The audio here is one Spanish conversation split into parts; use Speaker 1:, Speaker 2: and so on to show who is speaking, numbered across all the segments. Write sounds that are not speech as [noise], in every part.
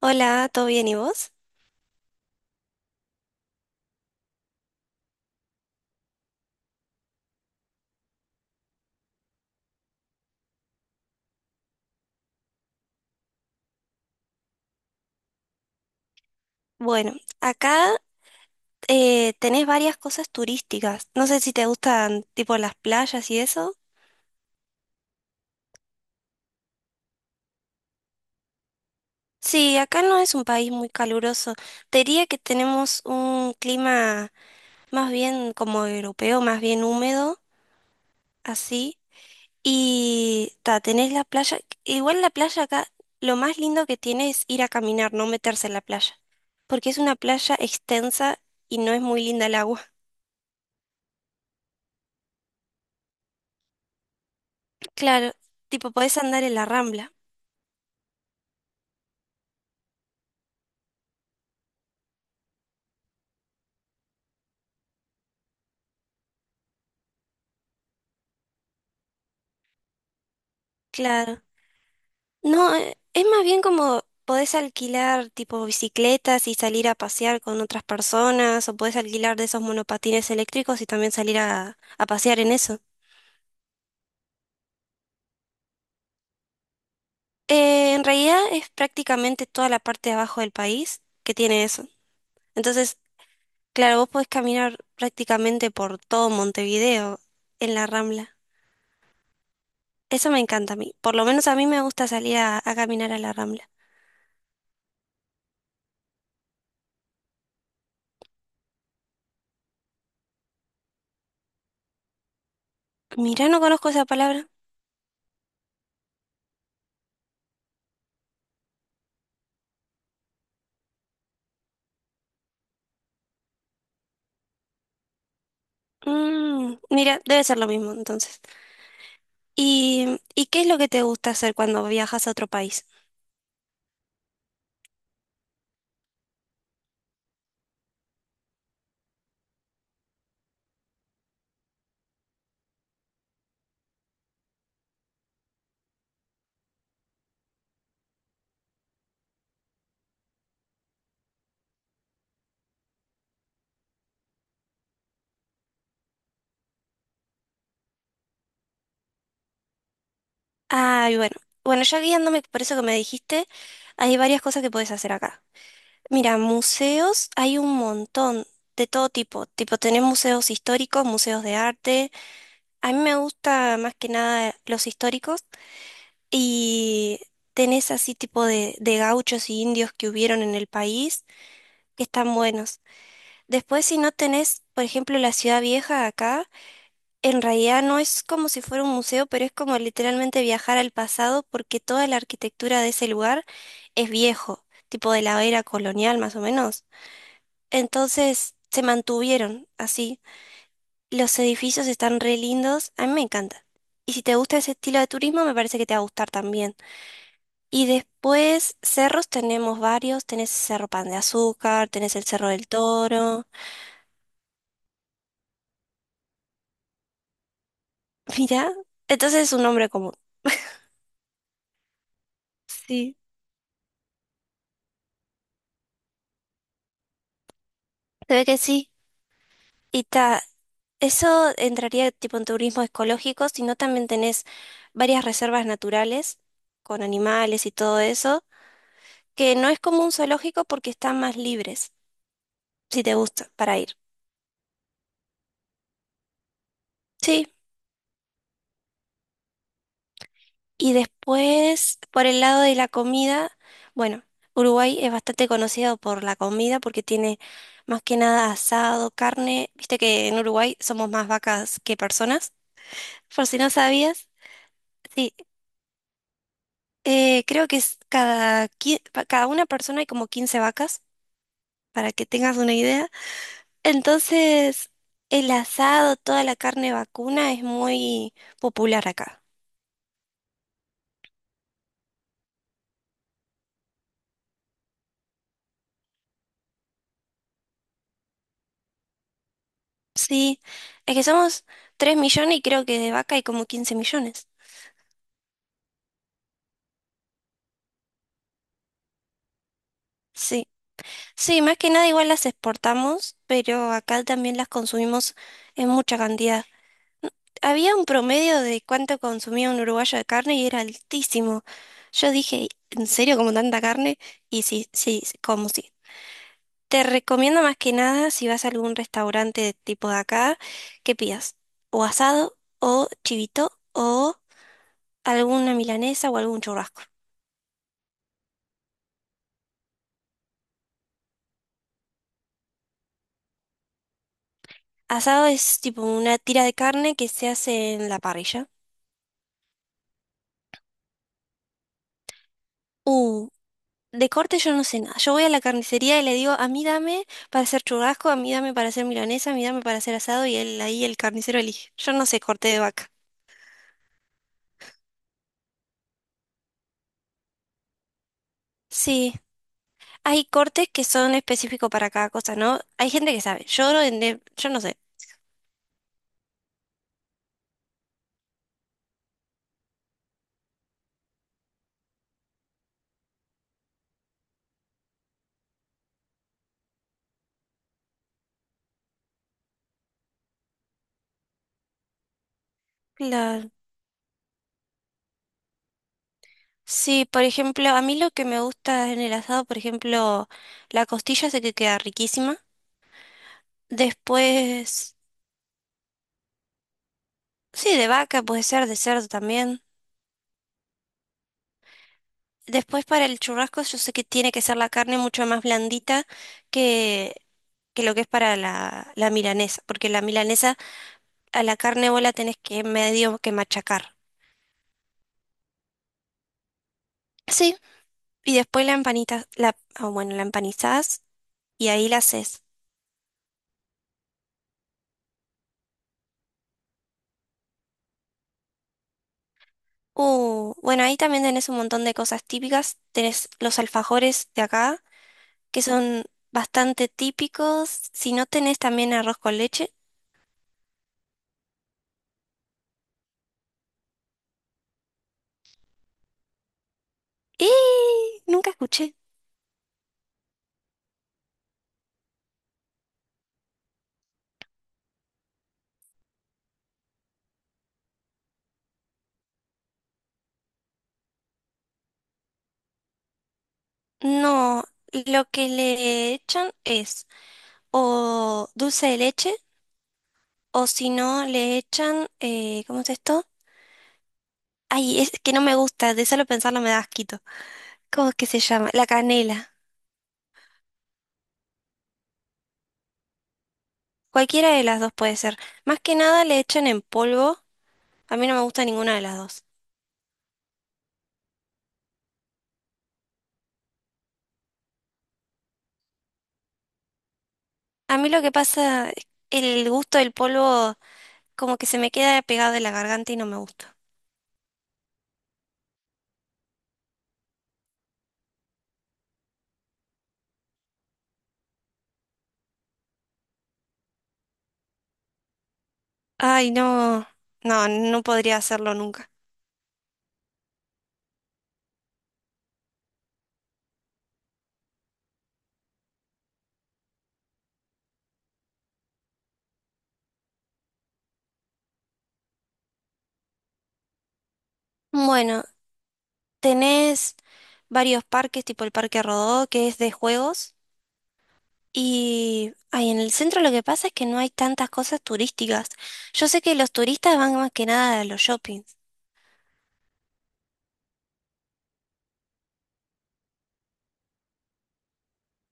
Speaker 1: Hola, ¿todo bien y vos? Bueno, acá tenés varias cosas turísticas. No sé si te gustan tipo las playas y eso. Sí, acá no es un país muy caluroso. Te diría que tenemos un clima más bien como europeo, más bien húmedo, así. Y ta, tenés la playa. Igual la playa acá, lo más lindo que tiene es ir a caminar, no meterse en la playa. Porque es una playa extensa y no es muy linda el agua. [laughs] Claro, tipo podés andar en la rambla. Claro. No, es más bien como podés alquilar tipo bicicletas y salir a pasear con otras personas, o podés alquilar de esos monopatines eléctricos y también salir a pasear en eso. En realidad es prácticamente toda la parte de abajo del país que tiene eso. Entonces, claro, vos podés caminar prácticamente por todo Montevideo en la Rambla. Eso me encanta a mí. Por lo menos a mí me gusta salir a caminar a la Rambla. Mira, no conozco esa palabra. Mira, debe ser lo mismo entonces. Y qué es lo que te gusta hacer cuando viajas a otro país? Ay, bueno. Bueno, ya guiándome por eso que me dijiste, hay varias cosas que puedes hacer acá. Mira, museos hay un montón de todo tipo. Tipo, tenés museos históricos, museos de arte. A mí me gusta más que nada los históricos. Y tenés así tipo de gauchos y indios que hubieron en el país, que están buenos. Después, si no tenés, por ejemplo, la ciudad vieja acá. En realidad no es como si fuera un museo, pero es como literalmente viajar al pasado porque toda la arquitectura de ese lugar es viejo, tipo de la era colonial más o menos. Entonces se mantuvieron así. Los edificios están re lindos, a mí me encanta. Y si te gusta ese estilo de turismo, me parece que te va a gustar también. Y después, cerros tenemos varios, tenés el Cerro Pan de Azúcar, tenés el Cerro del Toro. [laughs] Mira, entonces es un nombre común. Sí. Se ve que sí. Y ta- Eso entraría tipo en turismo ecológico, sino también tenés varias reservas naturales con animales y todo eso, que no es como un zoológico porque están más libres, si te gusta, para ir. Sí, y después, por el lado de la comida, bueno, Uruguay es bastante conocido por la comida porque tiene más que nada asado, carne, viste que en Uruguay somos más vacas que personas, por si no sabías. Sí, creo que es cada una persona hay como 15 vacas, para que tengas una idea. Entonces, el asado, toda la carne vacuna es muy popular acá. Sí, es que somos 3 millones y creo que de vaca hay como 15 millones. Sí, sí, más que nada igual las exportamos, pero acá también las consumimos en mucha cantidad. Había un promedio de cuánto consumía un uruguayo de carne y era altísimo. Yo dije, ¿en serio como tanta carne? Y sí, sí, sí, como sí. Te recomiendo más que nada si vas a algún restaurante de tipo de acá, que pidas o asado o chivito o alguna milanesa o algún churrasco. Asado es tipo una tira de carne que se hace en la parrilla. Uh, De corte yo no sé nada. Yo voy a la carnicería y le digo, a mí dame para hacer churrasco, a mí dame para hacer milanesa, a mí dame para hacer asado y él ahí el carnicero elige. Yo no sé corte de vaca. Sí, hay cortes que son específicos para cada cosa, ¿no? Hay gente que sabe. Yo no, yo no sé. Claro. Sí, por ejemplo, a mí lo que me gusta en el asado, por ejemplo, la costilla sé que queda riquísima. Después, sí, de vaca puede ser, de cerdo también. Después para el churrasco yo sé que tiene que ser la carne mucho más blandita que, que lo que es para la milanesa, porque la milanesa a la carne vos la tenés que medio que machacar. Sí, y después la empanitas, la, ah, bueno, la empanizás y ahí la haces. Bueno, ahí también tenés un montón de cosas típicas. Tenés los alfajores de acá, que son bastante típicos. Si no tenés también arroz con leche. ¡Eh! Nunca escuché. No, lo que le echan es o dulce de leche o si no le echan, ¿cómo es esto? Ay, es que no me gusta, de solo pensarlo me da asquito. ¿Cómo es que se llama? La canela. Cualquiera de las dos puede ser. Más que nada le echan en polvo. A mí no me gusta ninguna de las dos. A mí lo que pasa, es el gusto del polvo como que se me queda pegado en la garganta y no me gusta. Ay, no, no, no podría hacerlo nunca. Bueno, tenés varios parques, tipo el Parque Rodó, que es de juegos. Y ay, en el centro lo que pasa es que no hay tantas cosas turísticas. Yo sé que los turistas van más que nada a los shoppings.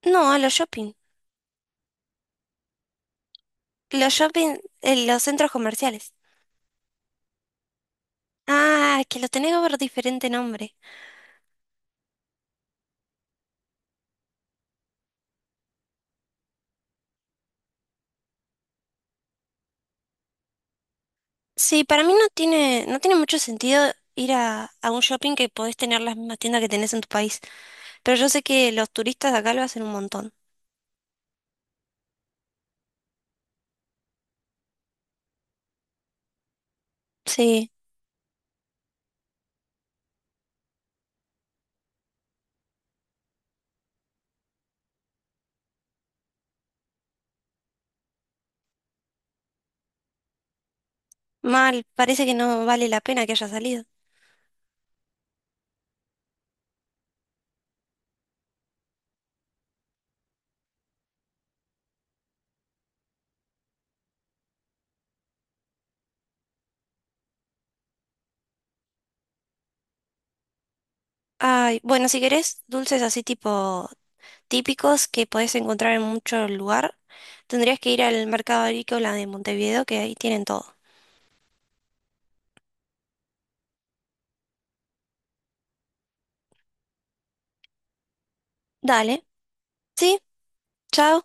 Speaker 1: No, a los shopping. Los shopping, los centros comerciales. Ah, que lo tenés por diferente nombre. Sí, para mí no tiene, no tiene mucho sentido ir a un shopping que podés tener las mismas tiendas que tenés en tu país. Pero yo sé que los turistas de acá lo hacen un montón. Sí, mal, parece que no vale la pena que haya salido. Ay, bueno, si querés dulces así tipo típicos que podés encontrar en mucho lugar, tendrías que ir al mercado agrícola de Montevideo, que ahí tienen todo. Dale, sí, chao.